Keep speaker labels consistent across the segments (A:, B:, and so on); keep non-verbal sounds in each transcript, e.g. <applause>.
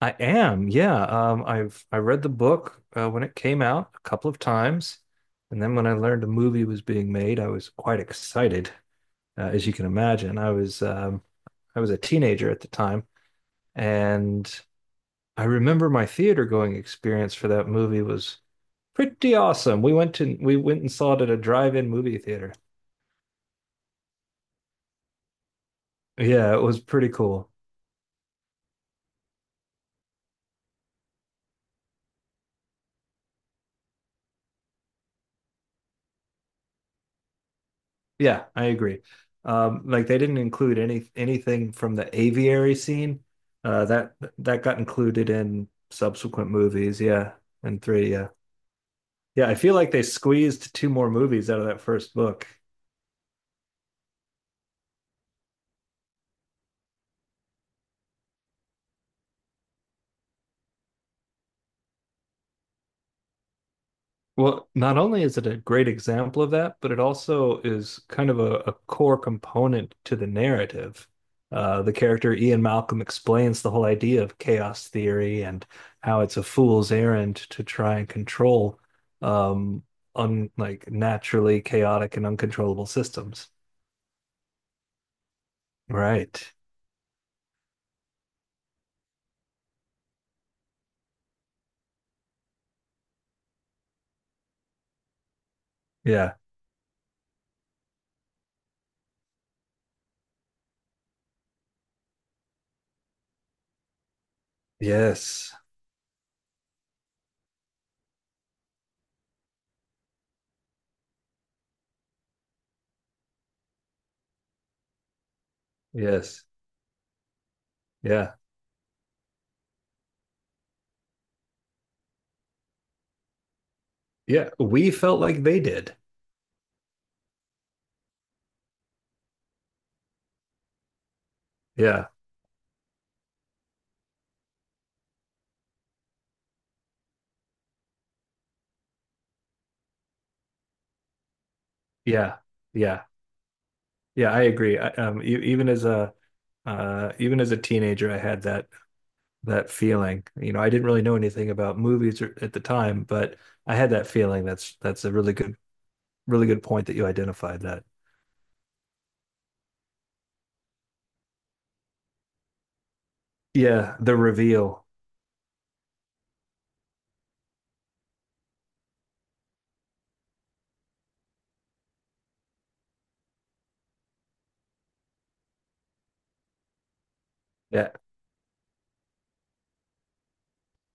A: I am, yeah. I read the book when it came out a couple of times, and then when I learned a movie was being made, I was quite excited, as you can imagine. I was a teenager at the time, and I remember my theater going experience for that movie was pretty awesome. We went and saw it at a drive-in movie theater. Yeah, it was pretty cool. Yeah, I agree. Like they didn't include anything from the aviary scene. That got included in subsequent movies. Yeah, and three. Yeah, yeah. I feel like they squeezed two more movies out of that first book. Well, not only is it a great example of that, but it also is kind of a core component to the narrative. The character Ian Malcolm explains the whole idea of chaos theory and how it's a fool's errand to try and control um, un like naturally chaotic and uncontrollable systems. Right. Yeah. Yes. Yes. Yeah. Yeah. We felt like they did. Yeah. Yeah. Yeah. Yeah. I agree. Even as a even as a teenager, I had that feeling. You know, I didn't really know anything about movies or- at the time, but I had that feeling. That's a really good really good point that you identified that. Yeah, the reveal. Yeah,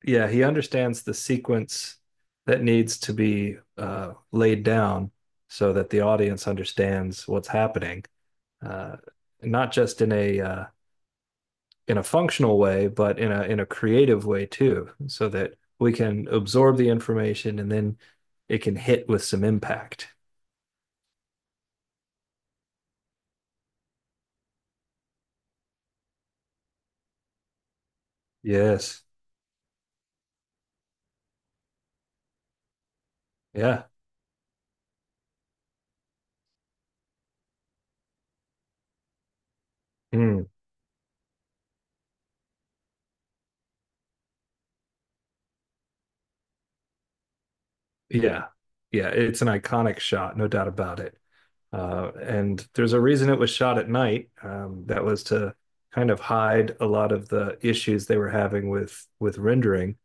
A: yeah, he understands the sequence that needs to be laid down so that the audience understands what's happening, uh, not just in a functional way, but in a creative way too, so that we can absorb the information and then it can hit with some impact. Yes. Yeah. Mm. Yeah. Yeah. It's an iconic shot, no doubt about it. And there's a reason it was shot at night. That was to kind of hide a lot of the issues they were having with rendering,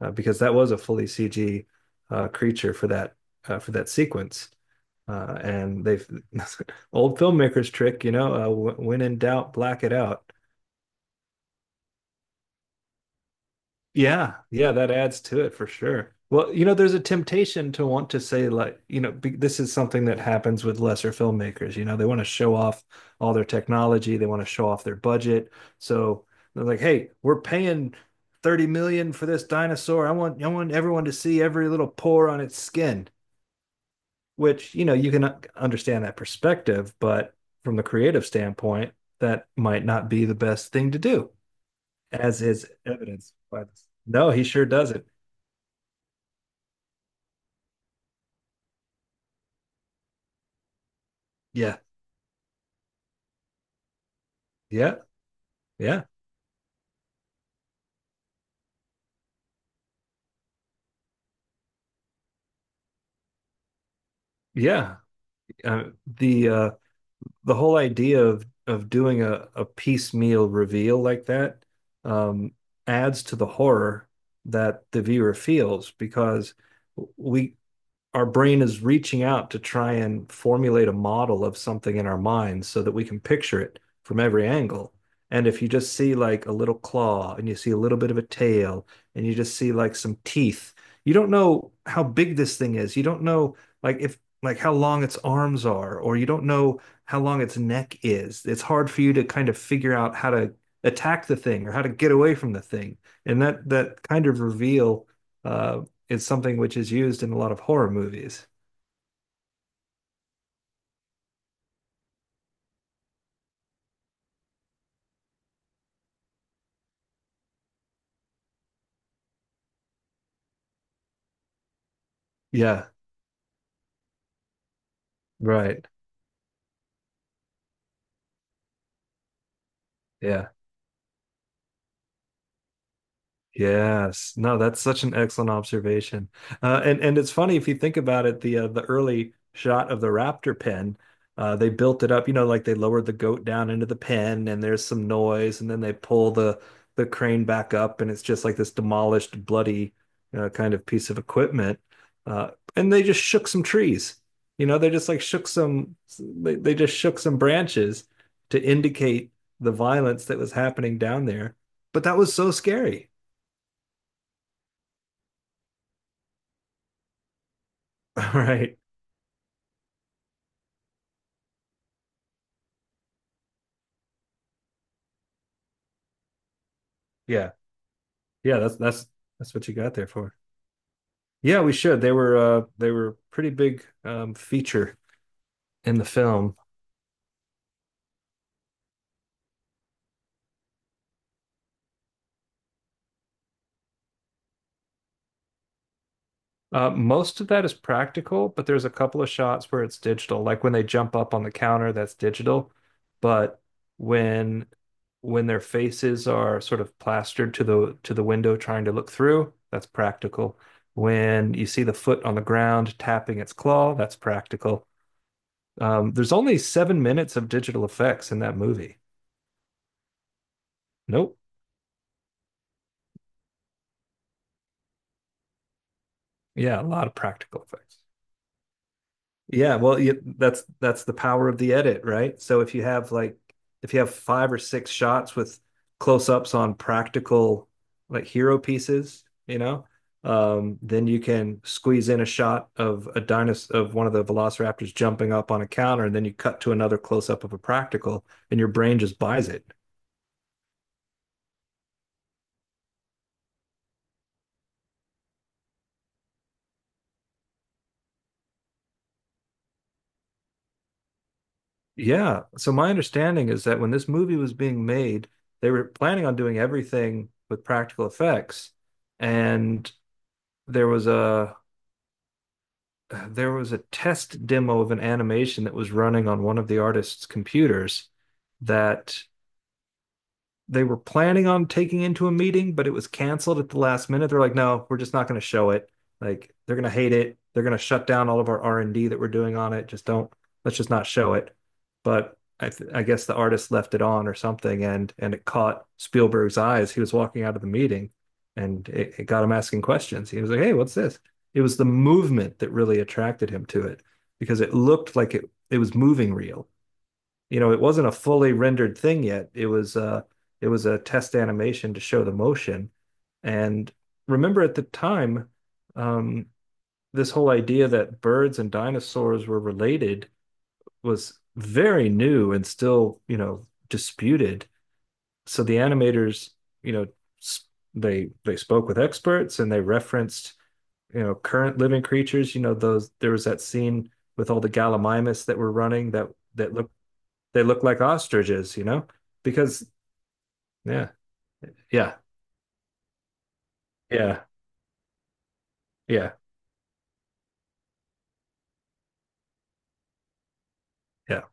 A: because that was a fully CG creature for that sequence. And they've <laughs> old filmmakers trick, you know, when in doubt, black it out. Yeah, yeah, that adds to it for sure. Well, you know, there's a temptation to want to say, like, you know, this is something that happens with lesser filmmakers. You know, they want to show off all their technology, they want to show off their budget. So they're like, hey, we're paying 30 million for this dinosaur. I want everyone to see every little pore on its skin, which, you know, you can understand that perspective, but from the creative standpoint, that might not be the best thing to do, as is evidenced by this. No, he sure doesn't. Yeah, yeah, yeah, yeah. Uh, the uh, the whole idea of doing a piecemeal reveal like that, um, adds to the horror that the viewer feels because we our brain is reaching out to try and formulate a model of something in our minds so that we can picture it from every angle. And if you just see like a little claw and you see a little bit of a tail and you just see like some teeth, you don't know how big this thing is. You don't know like if like how long its arms are, or you don't know how long its neck is. It's hard for you to kind of figure out how to attack the thing or how to get away from the thing. And that kind of reveal uh, is something which is used in a lot of horror movies. Yeah, right. Yeah. Yes. No, that's such an excellent observation. And it's funny if you think about it, the early shot of the raptor pen, they built it up, you know, like they lowered the goat down into the pen and there's some noise and then they pull the crane back up and it's just like this demolished, bloody, kind of piece of equipment. Uh, and they just shook some trees. You know, they just shook some branches to indicate the violence that was happening down there. But that was so scary. <laughs> All right. Yeah. Yeah, that's what you got there for. Yeah, we should. They were a pretty big feature in the film. Uh, most of that is practical, but there's a couple of shots where it's digital. Like when they jump up on the counter, that's digital. But when when their faces are sort of plastered to the window trying to look through, that's practical. When you see the foot on the ground tapping its claw, that's practical. There's only 7 minutes of digital effects in that movie. Nope. Yeah, a lot of practical effects. That's the power of the edit, right? So if you have like if you have five or six shots with close-ups on practical like hero pieces, you know, then you can squeeze in a shot of a dinosaur of one of the velociraptors jumping up on a counter, and then you cut to another close-up of a practical, and your brain just buys it. Yeah. So my understanding is that when this movie was being made, they were planning on doing everything with practical effects. And there was a there was a test demo of an animation that was running on one of the artist's computers that they were planning on taking into a meeting, but it was canceled at the last minute. They're like, no, we're just not going to show it. Like they're going to hate it. They're going to shut down all of our R and D that we're doing on it. Just don't. Let's just not show it. I guess the artist left it on or something, and it caught Spielberg's eyes. He was walking out of the meeting, and it got him asking questions. He was like, hey, what's this? It was the movement that really attracted him to it because it looked like it was moving real, you know, it wasn't a fully rendered thing yet. It was a test animation to show the motion. And remember at the time, um, this whole idea that birds and dinosaurs were related was very new and still, you know, disputed. So the animators, you know, they spoke with experts and they referenced, you know, current living creatures. You know, those there was that scene with all the gallimimus that were running that looked, they look like ostriches, you know? Because yeah, yeah, yeah, yeah, yeah,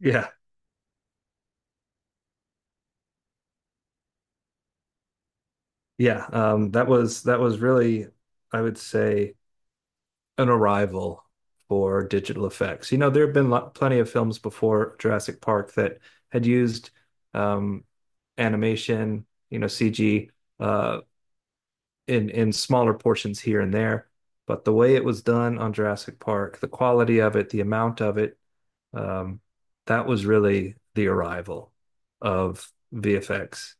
A: yeah, yeah. That was really, I would say, an arrival for digital effects. You know, there have been plenty of films before Jurassic Park that had used um, animation, you know, CG, uh, in smaller portions here and there. But the way it was done on Jurassic Park, the quality of it, the amount of it, Um, that was really the arrival of VFX,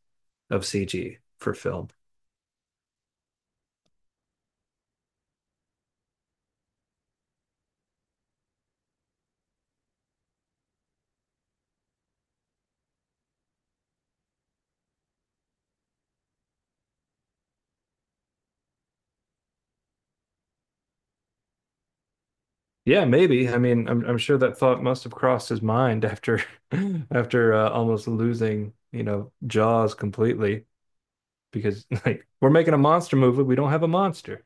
A: of CG for film. Yeah, maybe. I'm sure that thought must have crossed his mind after <laughs> after almost losing, you know, Jaws completely because <laughs> like we're making a monster movie, we don't have a monster.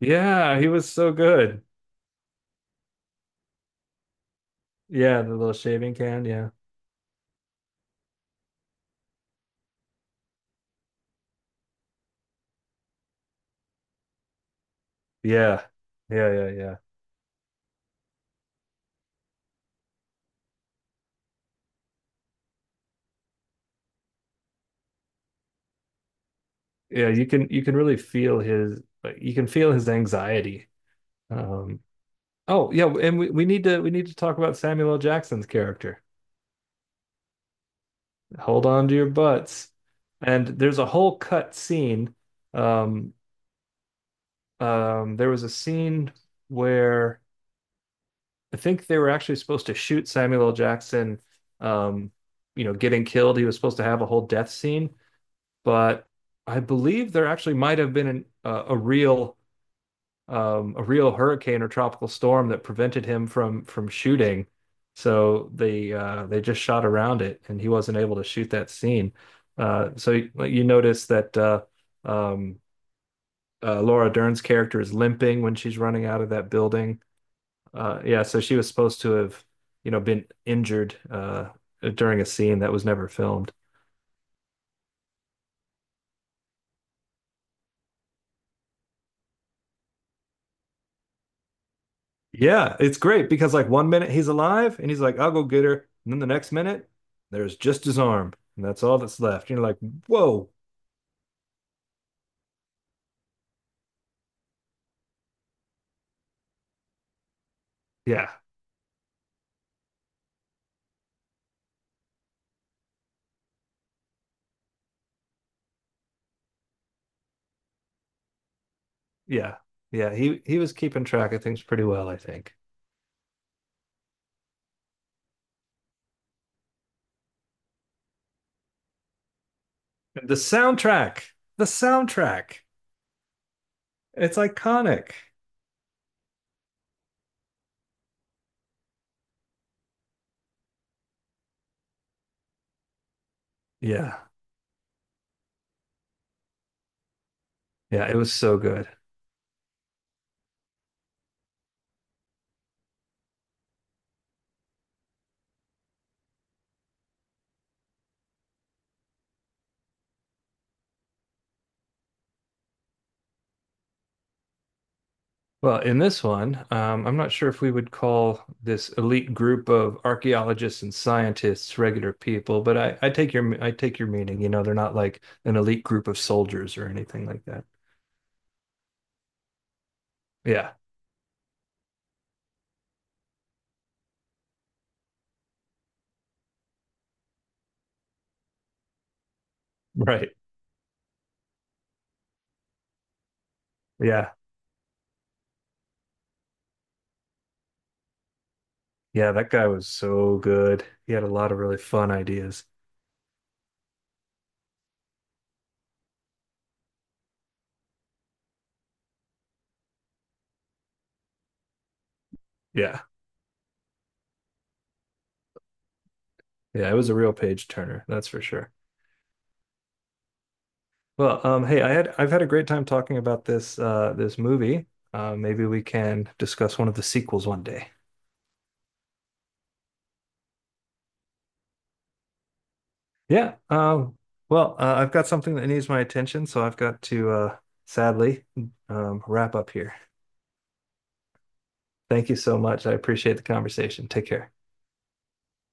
A: Yeah, he was so good. Yeah, the little shaving can, yeah. Yeah. Yeah, yeah, yeah. Yeah, you can really feel his like you can feel his anxiety, um. Oh, yeah, and we need to talk about Samuel L. Jackson's character. Hold on to your butts. And there's a whole cut scene. Um, there was a scene where I think they were actually supposed to shoot Samuel L. Jackson, um, you know, getting killed. He was supposed to have a whole death scene, but I believe there actually might have been an, a real hurricane or tropical storm that prevented him from shooting. So they just shot around it, and he wasn't able to shoot that scene. You notice that um, Laura Dern's character is limping when she's running out of that building. Yeah, so she was supposed to have, you know, been injured, during a scene that was never filmed. Yeah, it's great because like one minute he's alive and he's like, I'll go get her. And then the next minute, there's just his arm. And that's all that's left. And you're like, whoa. Yeah, yeah, yeah. He was keeping track of things pretty well, I think. And the soundtrack, the soundtrack. It's iconic. Yeah. Yeah, it was so good. Well, in this one, I'm not sure if we would call this elite group of archaeologists and scientists regular people, but I take your meaning. You know, they're not like an elite group of soldiers or anything like that. Yeah, right. Yeah, yeah. That guy was so good. He had a lot of really fun ideas. Yeah, yeah. It was a real page turner, that's for sure. Well, hey, I've had a great time talking about this movie. Maybe we can discuss one of the sequels one day. Yeah. I've got something that needs my attention, so I've got to sadly, wrap up here. Thank you so much. I appreciate the conversation. Take care.